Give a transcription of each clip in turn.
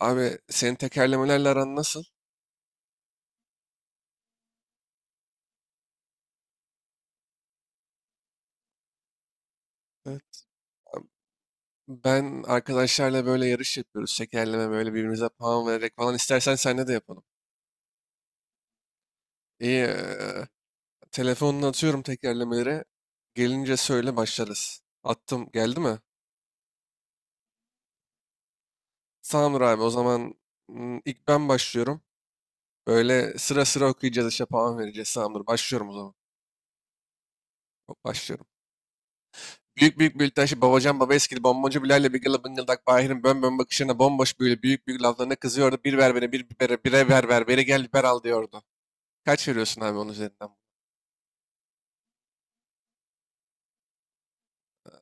Abi senin tekerlemelerle aran nasıl? Evet. Ben arkadaşlarla böyle yarış yapıyoruz. Tekerleme böyle birbirimize puan vererek falan. İstersen seninle de yapalım. İyi. Telefonunu atıyorum tekerlemelere. Gelince söyle başlarız. Attım. Geldi mi? Tamamdır abi. O zaman ilk ben başlıyorum. Böyle sıra sıra okuyacağız işte puan vereceğiz. Tamamdır. Başlıyorum o zaman. Başlıyorum. Büyük büyük bir Ültaşı, Babacan, Babeskili, Bomboncu, Bilal'le Bigil'le Bıngıldak, Bahir'in bön bön bakışlarına bomboş büyülü büyük büyük laflarına kızıyordu. Bir ver beni, bir bibere, bire ver ver, beri gel biber al diyordu. Kaç veriyorsun abi onun üzerinden?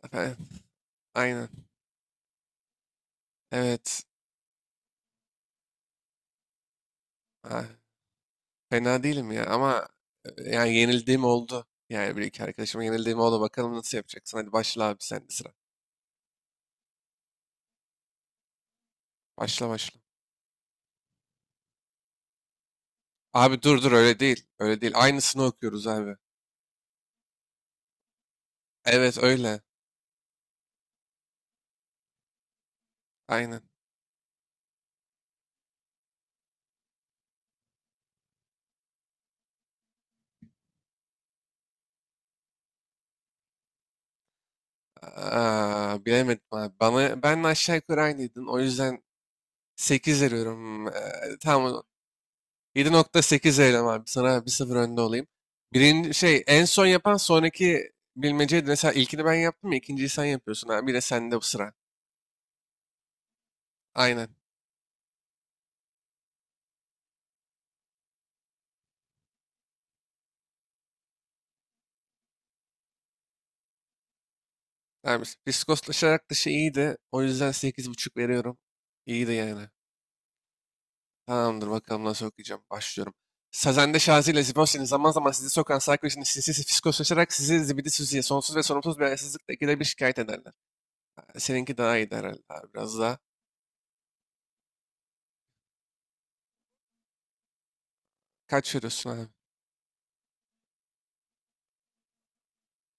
Efendim? Aynen. Evet. Ha, fena değilim ya ama yani yenildiğim oldu. Yani bir iki arkadaşıma yenildiğim oldu. Bakalım nasıl yapacaksın. Hadi başla abi sen de sıra. Başla başla. Abi dur dur öyle değil. Öyle değil. Aynısını okuyoruz abi. Evet öyle. Aynen. Aa, bilemedim abi. Bana, ben aşağı yukarı aynıydın. O yüzden 8 veriyorum. Tamam yedi nokta sekiz veriyorum abi. Sana bir 0 önde olayım. Birinci şey en son yapan sonraki bilmeceydi. Mesela ilkini ben yaptım ya ikinciyi sen yapıyorsun abi. Bir de sende bu sıra. Aynen. Abi fiskoslaşarak dışı iyiydi. O yüzden sekiz buçuk veriyorum. İyiydi yani. Tamamdır bakalım nasıl okuyacağım. Başlıyorum. Sazende Şazi ile Zibosini zaman zaman sizi sokan Sarkozy'nin sinsi fiskoslaşarak sizi zibidi süzüye sonsuz ve sorumsuz bir ayasızlıkla ikide bir şikayet ederler. Seninki daha iyi herhalde abi. Biraz daha kaçıyorsun abi.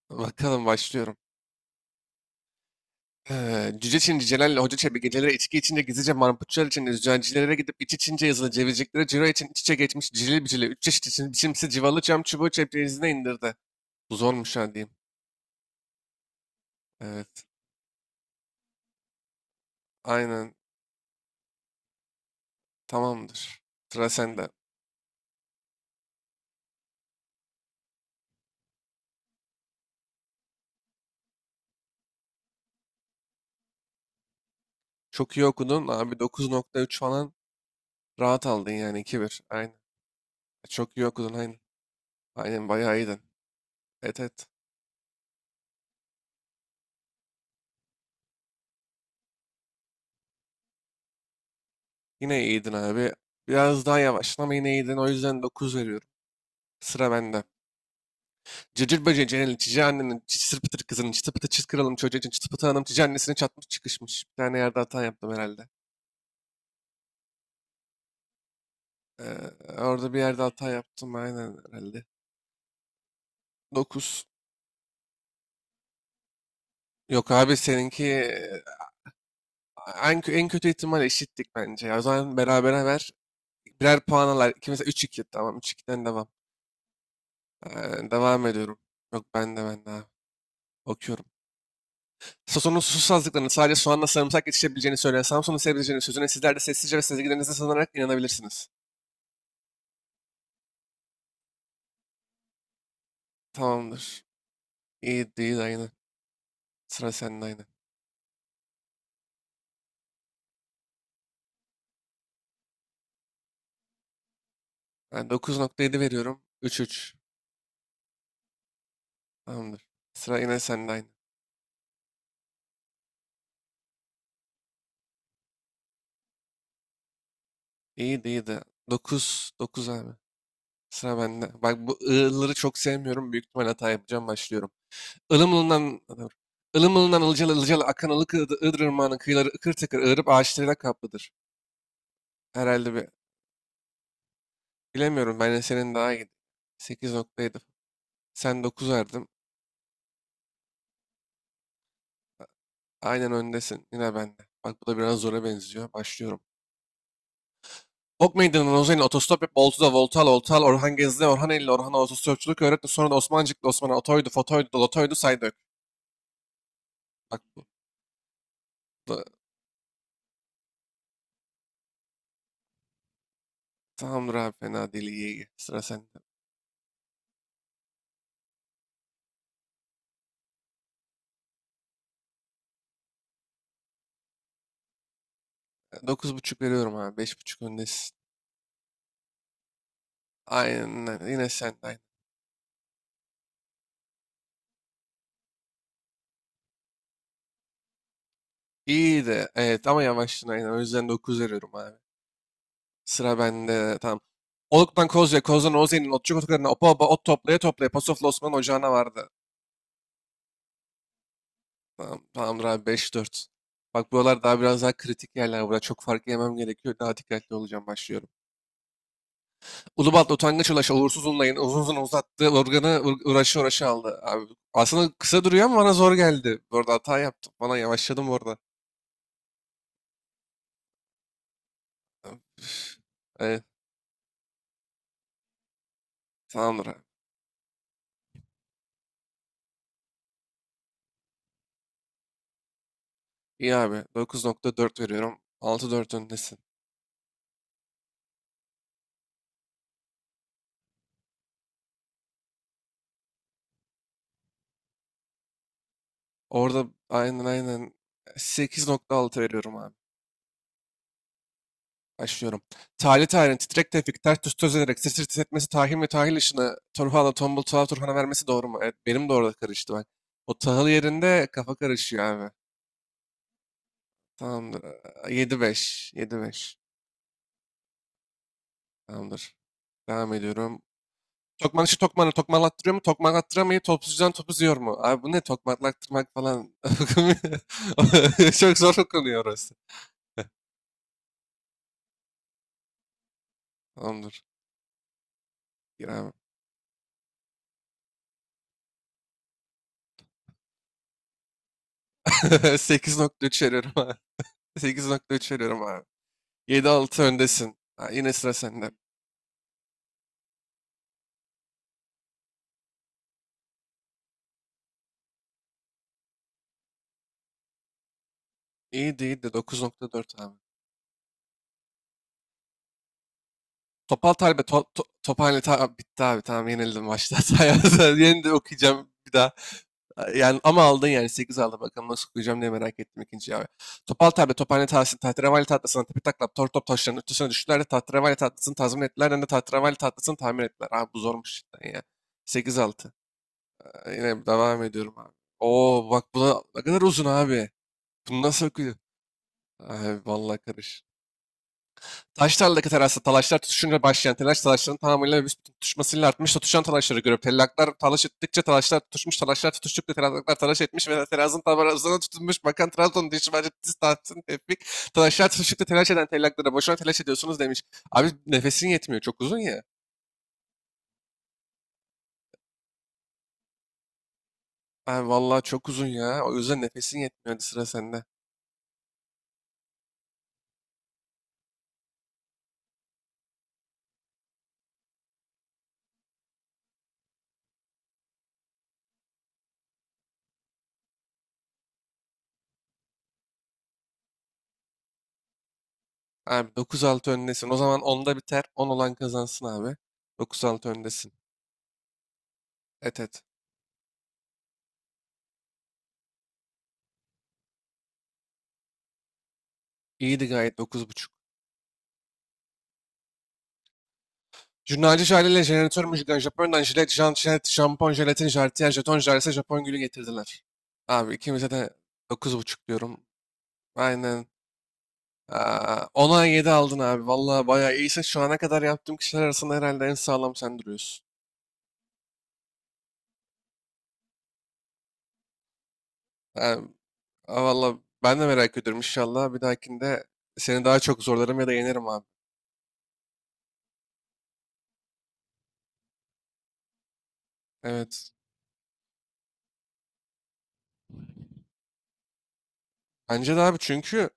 Bakalım başlıyorum. Cüce Çin Celal ile Hoca Çebi geceleri içki içince gizlice marputçular için zücancilere gidip iç içince yazılı cevizciklere ciro için iç içe geçmiş cilil bicili üç çeşit için biçimsiz civalı cam çubuğu ceplerinize indirdi. Bu zormuş ha diyeyim. Evet aynen tamamdır. Sıra sende. Çok iyi okudun. Abi 9,3 falan rahat aldın yani 2-1. Aynen. Çok iyi okudun aynen. Aynen bayağı iyiydin. Evet evet. Yine iyiydin abi. Biraz daha yavaştın ama yine iyiydin. O yüzden 9 veriyorum. Sıra bende. Cırcır böceği Cenel'in cici annenin cısır pıtır kızının çıtı pıtı çıt kralın çocuğu için çıtı pıtı hanım cici annesini çatmış çıkışmış. Bir tane yerde hata yaptım herhalde. Ee, orada bir yerde hata yaptım aynen herhalde. 9. Yok abi seninki en kötü ihtimal eşittik bence. Ya. O zaman berabere ver. Birer puan alar. İki mesela 3-2. Tamam 3-2'den devam. Devam ediyorum. Yok ben de abi. Okuyorum. Sason'un susuzluklarını sadece soğanla sarımsak yetişebileceğini söyleyen Samsun'un seveceğini sözüne sizler de sessizce ve sezgilerinize sığınarak inanabilirsiniz. Tamamdır. İyi değil aynı. Sıra sende aynı. Ben 9,7 veriyorum. 3-3. Tamamdır. Sıra yine sende aynı. İyi değildi. 9-9 abi. Sıra bende. Bak bu ı'ları çok sevmiyorum. Büyük ihtimal hata yapacağım. Başlıyorum. Ilımlı'ndan Ilımlı'ndan ılcalı ılcalı akan ılık Iğdır Irmağı'nın kıyıları ıkır tıkır ığırıp ağaçlarıyla kaplıdır. Herhalde bir bilemiyorum ben de senin daha iyi. 8,7 sen 9 verdim. Aynen öndesin yine bende. Bak bu da biraz zora benziyor. Başlıyorum. Ok Meydanı'nın Ozan'ın otostop yap Oltu'da Voltal Oltal Orhan Gezdi Orhan Eylül Orhan'a otostopçuluk öğretti. Sonra da Osmancık'la Osman'a otoydu fotoydu dolotoydu saydık. Bak bu da tamamdır abi fena değil iyi iyi. Sıra sende. 9,5 veriyorum abi, 5,5 öndesin. Aynen yine sen aynen. İyi de, evet ama yavaştın aynen. O yüzden 9 veriyorum abi. Sıra bende. Tamam. Oluk'tan Kozya, Koz'dan Oze'nin, Otçuk Otokarı'na, Opa Opa, Ot toplaya toplaya, Pasoflu Osman Ocağı'na vardı. Tamam, tamamdır abi 5-4. Bak buralar daha biraz daha kritik yerler. Burada çok fark yemem gerekiyor. Daha dikkatli olacağım. Başlıyorum. Ulubatlı utangaç ulaş uğursuz unlayın. Uzun uzun uzattı. Organı uğraşı uğraşı aldı. Abi, aslında kısa duruyor ama bana zor geldi. Bu arada hata yaptım. Bana yavaşladım orada. Üf, evet, tamamdır abi. İyi abi. 9,4 veriyorum. 6,4 öndesin. Orada aynen aynen 8,6 veriyorum abi. Başlıyorum. Tali tayin, titrek tefik, ters tüs töz ederek, sir sir tis etmesi, ve tahil işine, Turhan'a, tombul tuhaf Turhan'a vermesi doğru mu? Evet, benim de orada karıştı bak. O tahıl yerinde kafa karışıyor abi. Tamamdır. 7-5, 7. Tamamdır. Devam ediyorum. Tokmanın işi tokmanı tokmalattırıyor mu? Tokmalattıramayı topuzcudan topuz yiyor mu? Abi bu ne tokmalattırmak falan. Çok zor okunuyor orası. Tamamdır. Gir abi. 8,3 veriyorum abi. 8,3 veriyorum abi. Yedi altı öndesin. Ha, yine sıra sende. İyi değil de 9,4 abi. Topal Talbe, Tophane bitti abi tamam yenildim maçta. Sayarsan de okuyacağım bir daha. Yani ama aldın yani 8 aldı bakalım nasıl okuyacağım diye merak ettim ikinci abi. Topal Talbe, Tophane Tahsin, Tahterevalli Tahtası'na tepi taklap, tor top taşlarının üstüne düştüler de Tahterevalli Tahtası'nı tazmin ettiler hem de Tahterevalli Tahtası'nı tamir ettiler. Abi bu zormuş cidden ya. 8-6. Yine devam ediyorum abi. Oo bak bu da ne kadar uzun abi. Bunu nasıl okuyor? Ay vallahi karış. Taş tarladaki terasta talaşlar tutuşunca başlayan telaş talaşların tamamıyla ve büsbütün tutuşmasıyla artmış da tutuşan talaşları görüp tellaklar talaş ettikçe talaşlar tutuşmuş talaşlar tutuştukça tellaklar talaş etmiş ve terazın tabarazına tutunmuş bakan Trabzon'da işi bence diz tahtın tepik. Talaşlar tutuştukça telaş eden tellaklara boşuna telaş ediyorsunuz demiş. Abi nefesin yetmiyor çok uzun ya. Abi vallahi çok uzun ya o yüzden nefesin yetmiyor hadi sıra sende. Abi 9-6 öndesin o zaman 10'da biter 10 olan kazansın abi. Dokuz altı öndesin. Et et. İyiydi gayet 9,5. Jurnalci aileyle jeneratör müjgan Japonya'dan jilet, jant, jilet, şampon, jelatin, jartiyer, jeton, jarse, Japon gülü getirdiler. Abi ikimize de 9,5 diyorum. Aynen. Aa, 10'a 7 aldın abi. Vallahi bayağı iyisin. Şu ana kadar yaptığım kişiler arasında herhalde en sağlam sen duruyorsun. Yani, aa, vallahi ben de merak ediyorum inşallah. Bir dahakinde seni daha çok zorlarım ya da yenerim abi. Evet. Bence de abi çünkü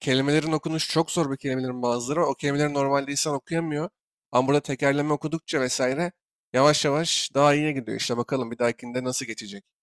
kelimelerin okunuşu çok zor bir kelimelerin bazıları. O kelimeleri normalde insan okuyamıyor. Ama burada tekerleme okudukça vesaire yavaş yavaş daha iyiye gidiyor. İşte bakalım bir dahakinde nasıl geçecek.